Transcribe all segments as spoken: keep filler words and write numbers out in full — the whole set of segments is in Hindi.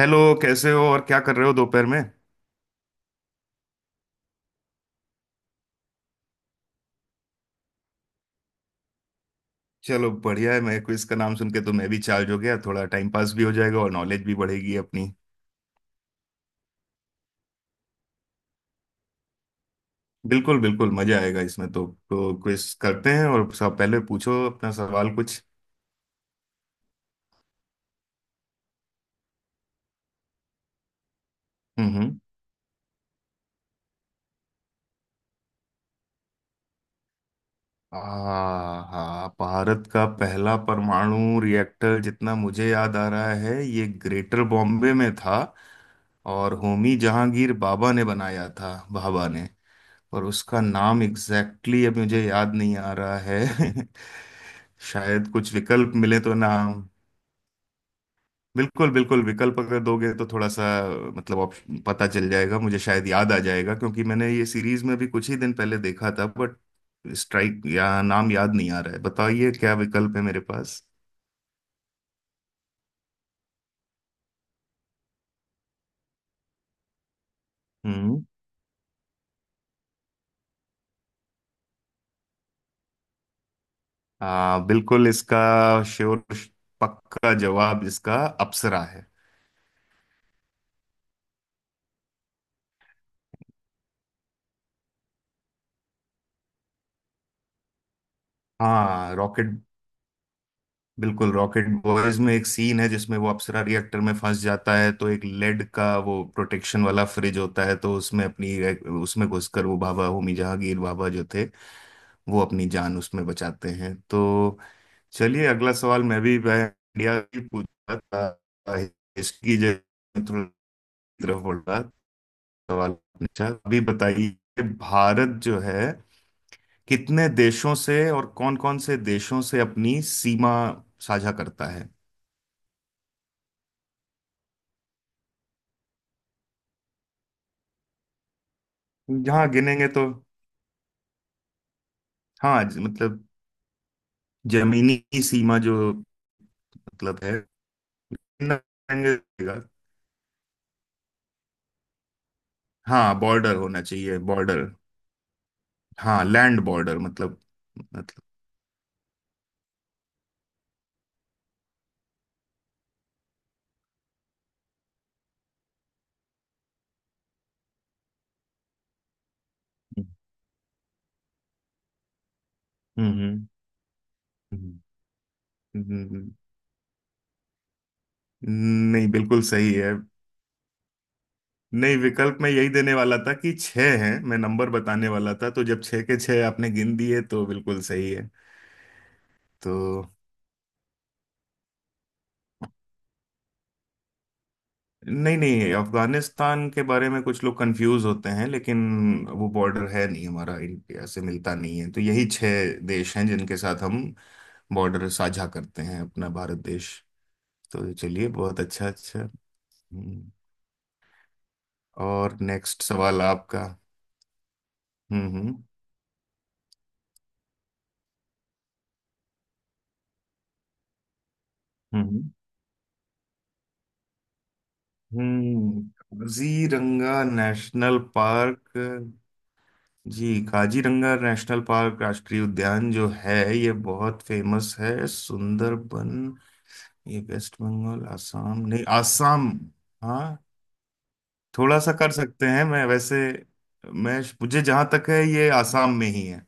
हेलो, कैसे हो और क्या कर रहे हो दोपहर में। चलो, बढ़िया है। मैं क्विज का नाम सुन के तो मैं भी चार्ज हो गया। थोड़ा टाइम पास भी हो जाएगा और नॉलेज भी बढ़ेगी अपनी। बिल्कुल बिल्कुल, मजा आएगा इसमें तो तो क्विज करते हैं, और सब, पहले पूछो अपना सवाल कुछ। हम्म, हम्म। आ हाँ, भारत का पहला परमाणु रिएक्टर, जितना मुझे याद आ रहा है ये ग्रेटर बॉम्बे में था, और होमी जहांगीर बाबा ने बनाया था, बाबा ने। और उसका नाम एग्जैक्टली exactly अब मुझे याद नहीं आ रहा है। शायद कुछ विकल्प मिले तो नाम। बिल्कुल बिल्कुल, विकल्प अगर दोगे तो थोड़ा सा मतलब ऑप्शन पता चल जाएगा। मुझे शायद याद आ जाएगा, क्योंकि मैंने ये सीरीज में भी कुछ ही दिन पहले देखा था, बट स्ट्राइक, या नाम याद नहीं आ रहा है। बताइए क्या विकल्प है मेरे पास। हम्म। आ, बिल्कुल इसका श्योर पक्का जवाब, इसका अप्सरा है। हाँ रॉकेट, बिल्कुल रॉकेट बॉयज में एक सीन है जिसमें वो अप्सरा रिएक्टर में फंस जाता है, तो एक लेड का वो प्रोटेक्शन वाला फ्रिज होता है, तो उसमें अपनी, उसमें घुसकर वो बाबा, होमी जहांगीर बाबा जो थे, वो अपनी जान उसमें बचाते हैं। तो चलिए, अगला सवाल। मैं भी मैं इंडिया की पूछ रहा था, इसकी जगह थोड़ा तरफ बढ़ रहा सवाल पूछा। अभी बताइए, भारत जो है कितने देशों से और कौन-कौन से देशों से अपनी सीमा साझा करता है। जहाँ गिनेंगे तो, हाँ, ज- मतलब जमीनी सीमा जो मतलब है, ना, गिनेंगे। हाँ बॉर्डर होना चाहिए, बॉर्डर। हाँ लैंड बॉर्डर, मतलब, मतलब। हम्म, हम्म, हम्म, हम्म, हम्म, हम्म। नहीं, बिल्कुल सही है। नहीं, विकल्प मैं यही देने वाला था कि छह हैं। मैं नंबर बताने वाला था, तो जब छह के छह आपने गिन दिए तो बिल्कुल सही है। तो नहीं नहीं, अफगानिस्तान के बारे में कुछ लोग कंफ्यूज होते हैं, लेकिन वो बॉर्डर है नहीं, हमारा इंडिया से मिलता नहीं है, तो यही छह देश हैं जिनके साथ हम बॉर्डर साझा करते हैं, अपना भारत देश। तो चलिए, बहुत अच्छा, अच्छा। हम्म। और नेक्स्ट सवाल आपका। हम्म हम्म, हम्म, हम्म, हम्म। Kaziranga national park. जी, काजीरंगा नेशनल पार्क, राष्ट्रीय उद्यान जो है ये बहुत फेमस है। सुंदरबन, ये वेस्ट बंगाल, आसाम, नहीं आसाम। हाँ थोड़ा सा कर सकते हैं, मैं वैसे। मैं, मुझे जहां तक है, ये आसाम में ही है।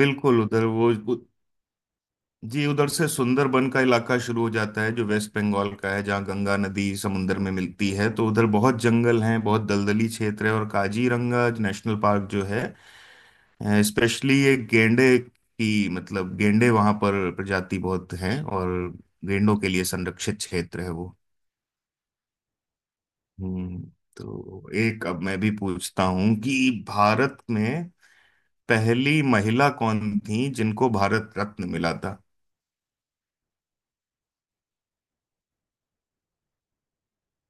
बिल्कुल, उधर वो उ, जी उधर से सुंदरबन का इलाका शुरू हो जाता है जो वेस्ट बंगाल का है, जहाँ गंगा नदी समुन्द्र में मिलती है, तो उधर बहुत जंगल हैं, बहुत दलदली क्षेत्र है। और काजीरंगा नेशनल पार्क जो है, स्पेशली ये गेंडे की, मतलब गेंडे वहां पर प्रजाति बहुत हैं, और गेंडों के लिए संरक्षित क्षेत्र है वो। हम्म। तो एक, अब मैं भी पूछता हूं कि भारत में पहली महिला कौन थी जिनको भारत रत्न मिला था।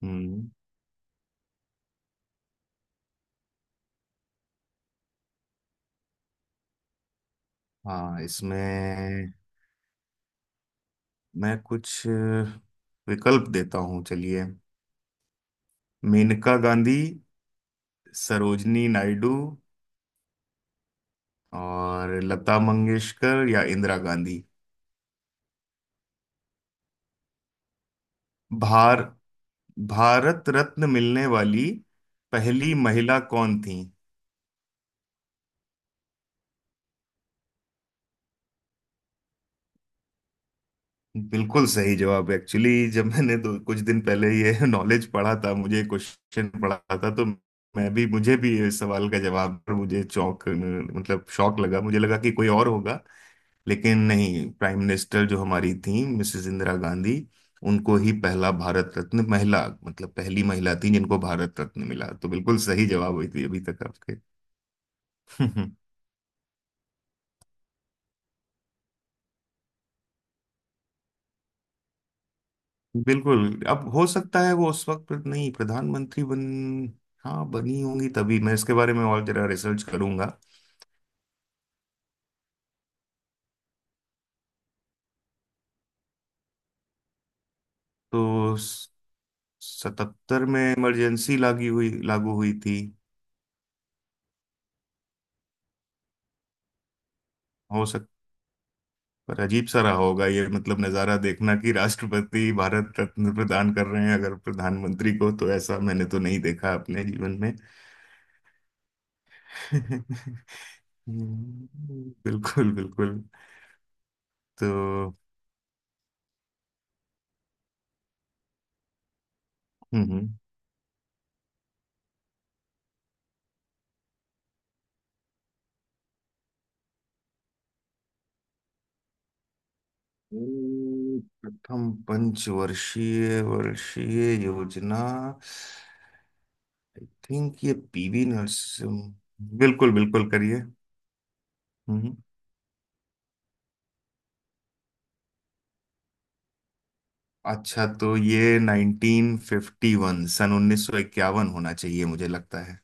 हम्म। हाँ इसमें मैं कुछ अ, विकल्प देता हूँ, चलिए। मेनका गांधी, सरोजनी नायडू, और लता मंगेशकर या इंदिरा गांधी। भार भारत रत्न मिलने वाली पहली महिला कौन थी। बिल्कुल सही जवाब। एक्चुअली जब मैंने दो कुछ दिन पहले ये नॉलेज पढ़ा था, मुझे क्वेश्चन पढ़ा था, तो मैं भी, मुझे भी इस सवाल का जवाब, पर मुझे चौंक, मतलब शौक लगा। मुझे लगा कि कोई और होगा, लेकिन नहीं, प्राइम मिनिस्टर जो हमारी थी, मिसेस इंदिरा गांधी, उनको ही पहला भारत रत्न, महिला मतलब पहली महिला थी जिनको भारत रत्न मिला। तो बिल्कुल सही जवाब हुई थी अभी तक आपके। बिल्कुल, अब हो सकता है वो उस वक्त नहीं प्रधानमंत्री बन, हाँ, बनी होंगी तभी। मैं इसके बारे में और जरा रिसर्च करूंगा। तो सतहत्तर में इमरजेंसी लागू हुई लागू हुई थी। हो सकता। पर अजीब सा रहा होगा ये, मतलब नज़ारा देखना कि राष्ट्रपति भारत रत्न प्रदान कर रहे हैं अगर प्रधानमंत्री को, तो ऐसा मैंने तो नहीं देखा अपने जीवन में। बिल्कुल बिल्कुल। तो हम्म, हम्म। हम्म, प्रथम पंचवर्षीय वर्षीय योजना। आई थिंक ये पीवी नरसिम्हा, बिल्कुल बिल्कुल करिए। हम्म। अच्छा, तो ये उन्नीस सौ इक्यावन, सन उन्नीस सौ इक्यावन होना चाहिए मुझे लगता है।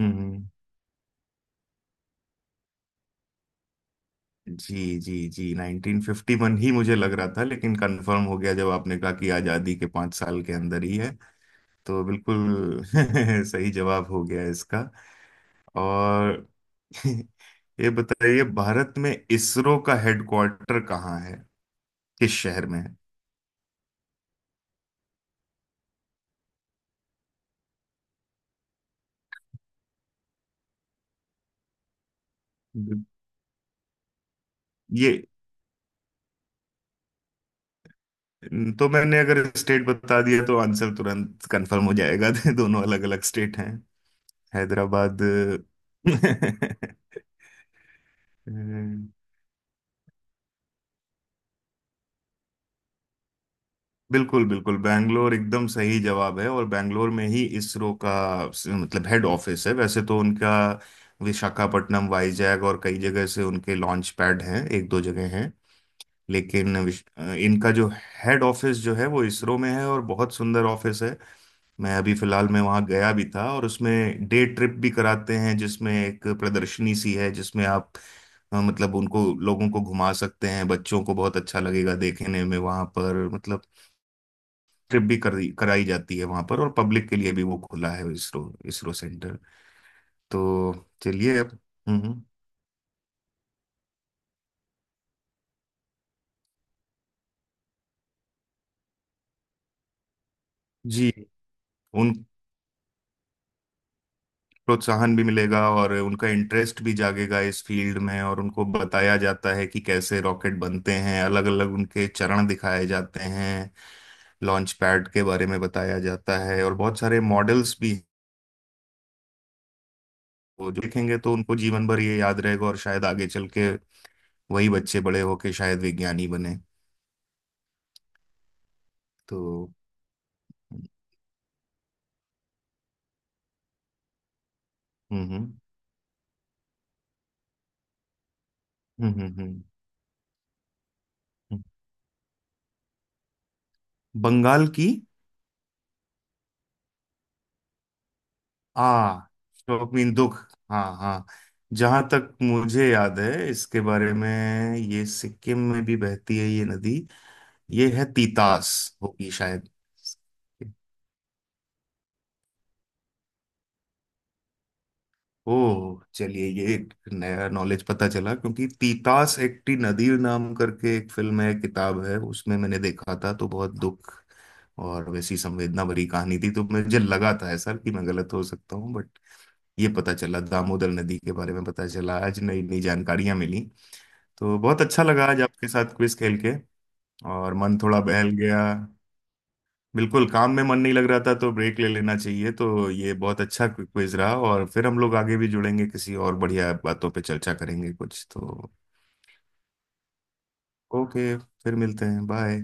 हम्म, जी जी जी, उन्नीस सौ इक्यावन ही मुझे लग रहा था, लेकिन कंफर्म हो गया जब आपने कहा कि आजादी के पाँच साल के अंदर ही है। तो बिल्कुल सही जवाब हो गया इसका। और ये बताइए, भारत में इसरो का हेडक्वार्टर कहाँ है, किस शहर में। है ये तो, मैंने अगर स्टेट बता दिया तो आंसर तुरंत कंफर्म हो जाएगा। दोनों अलग अलग स्टेट हैं, हैदराबाद। बिल्कुल बिल्कुल, बैंगलोर एकदम सही जवाब है, और बैंगलोर में ही इसरो का, मतलब हेड ऑफिस है। वैसे तो उनका विशाखापट्टनम, वाईजैग, और कई जगह से उनके लॉन्च पैड हैं, एक दो जगह हैं, लेकिन विश- अ, इनका जो हेड ऑफिस जो है, वो इसरो में है, और बहुत सुंदर ऑफिस है। मैं अभी फिलहाल मैं वहाँ गया भी था, और उसमें डे ट्रिप भी कराते हैं, जिसमें एक प्रदर्शनी सी है, जिसमें आप अ, मतलब उनको, लोगों को घुमा सकते हैं। बच्चों को बहुत अच्छा लगेगा देखने में वहाँ पर, मतलब ट्रिप भी कर, कराई जाती है वहाँ पर, और पब्लिक के लिए भी वो खुला है, इसरो, इसरो सेंटर। तो चलिए अब। हम्म, हम्म। जी, उन प्रोत्साहन भी मिलेगा और उनका इंटरेस्ट भी जागेगा इस फील्ड में, और उनको बताया जाता है कि कैसे रॉकेट बनते हैं, अलग अलग उनके चरण दिखाए जाते हैं, लॉन्च पैड के बारे में बताया जाता है, और बहुत सारे मॉडल्स भी हैं। वो जो देखेंगे तो उनको जीवन भर ये याद रहेगा, और शायद आगे चल के वही बच्चे बड़े होके शायद विज्ञानी बने। तो हम्म, हम्म, हम्म, हम्म, हम्म। हम्म। बंगाल की, हाँ। शोक मीन दुख। हाँ हाँ, जहां तक मुझे याद है इसके बारे में, ये सिक्किम में भी बहती है ये नदी। ये है तीतास होगी शायद। ओह चलिए, ये एक नया नॉलेज पता चला, क्योंकि तीतास एक टी नदी नाम करके एक फिल्म है, किताब है, उसमें मैंने देखा था, तो बहुत दुख और वैसी संवेदना भरी कहानी थी। तो मुझे लगा था ऐसा कि मैं गलत हो सकता हूँ, बट ये पता चला, दामोदर नदी के बारे में पता चला आज। नई नई जानकारियां मिली। तो बहुत अच्छा लगा आज आपके साथ क्विज खेल के, और मन थोड़ा बहल गया। बिल्कुल काम में मन नहीं लग रहा था, तो ब्रेक ले लेना चाहिए। तो ये बहुत अच्छा क्विज रहा, और फिर हम लोग आगे भी जुड़ेंगे, किसी और बढ़िया बातों पे चर्चा करेंगे कुछ तो। ओके, फिर मिलते हैं, बाय।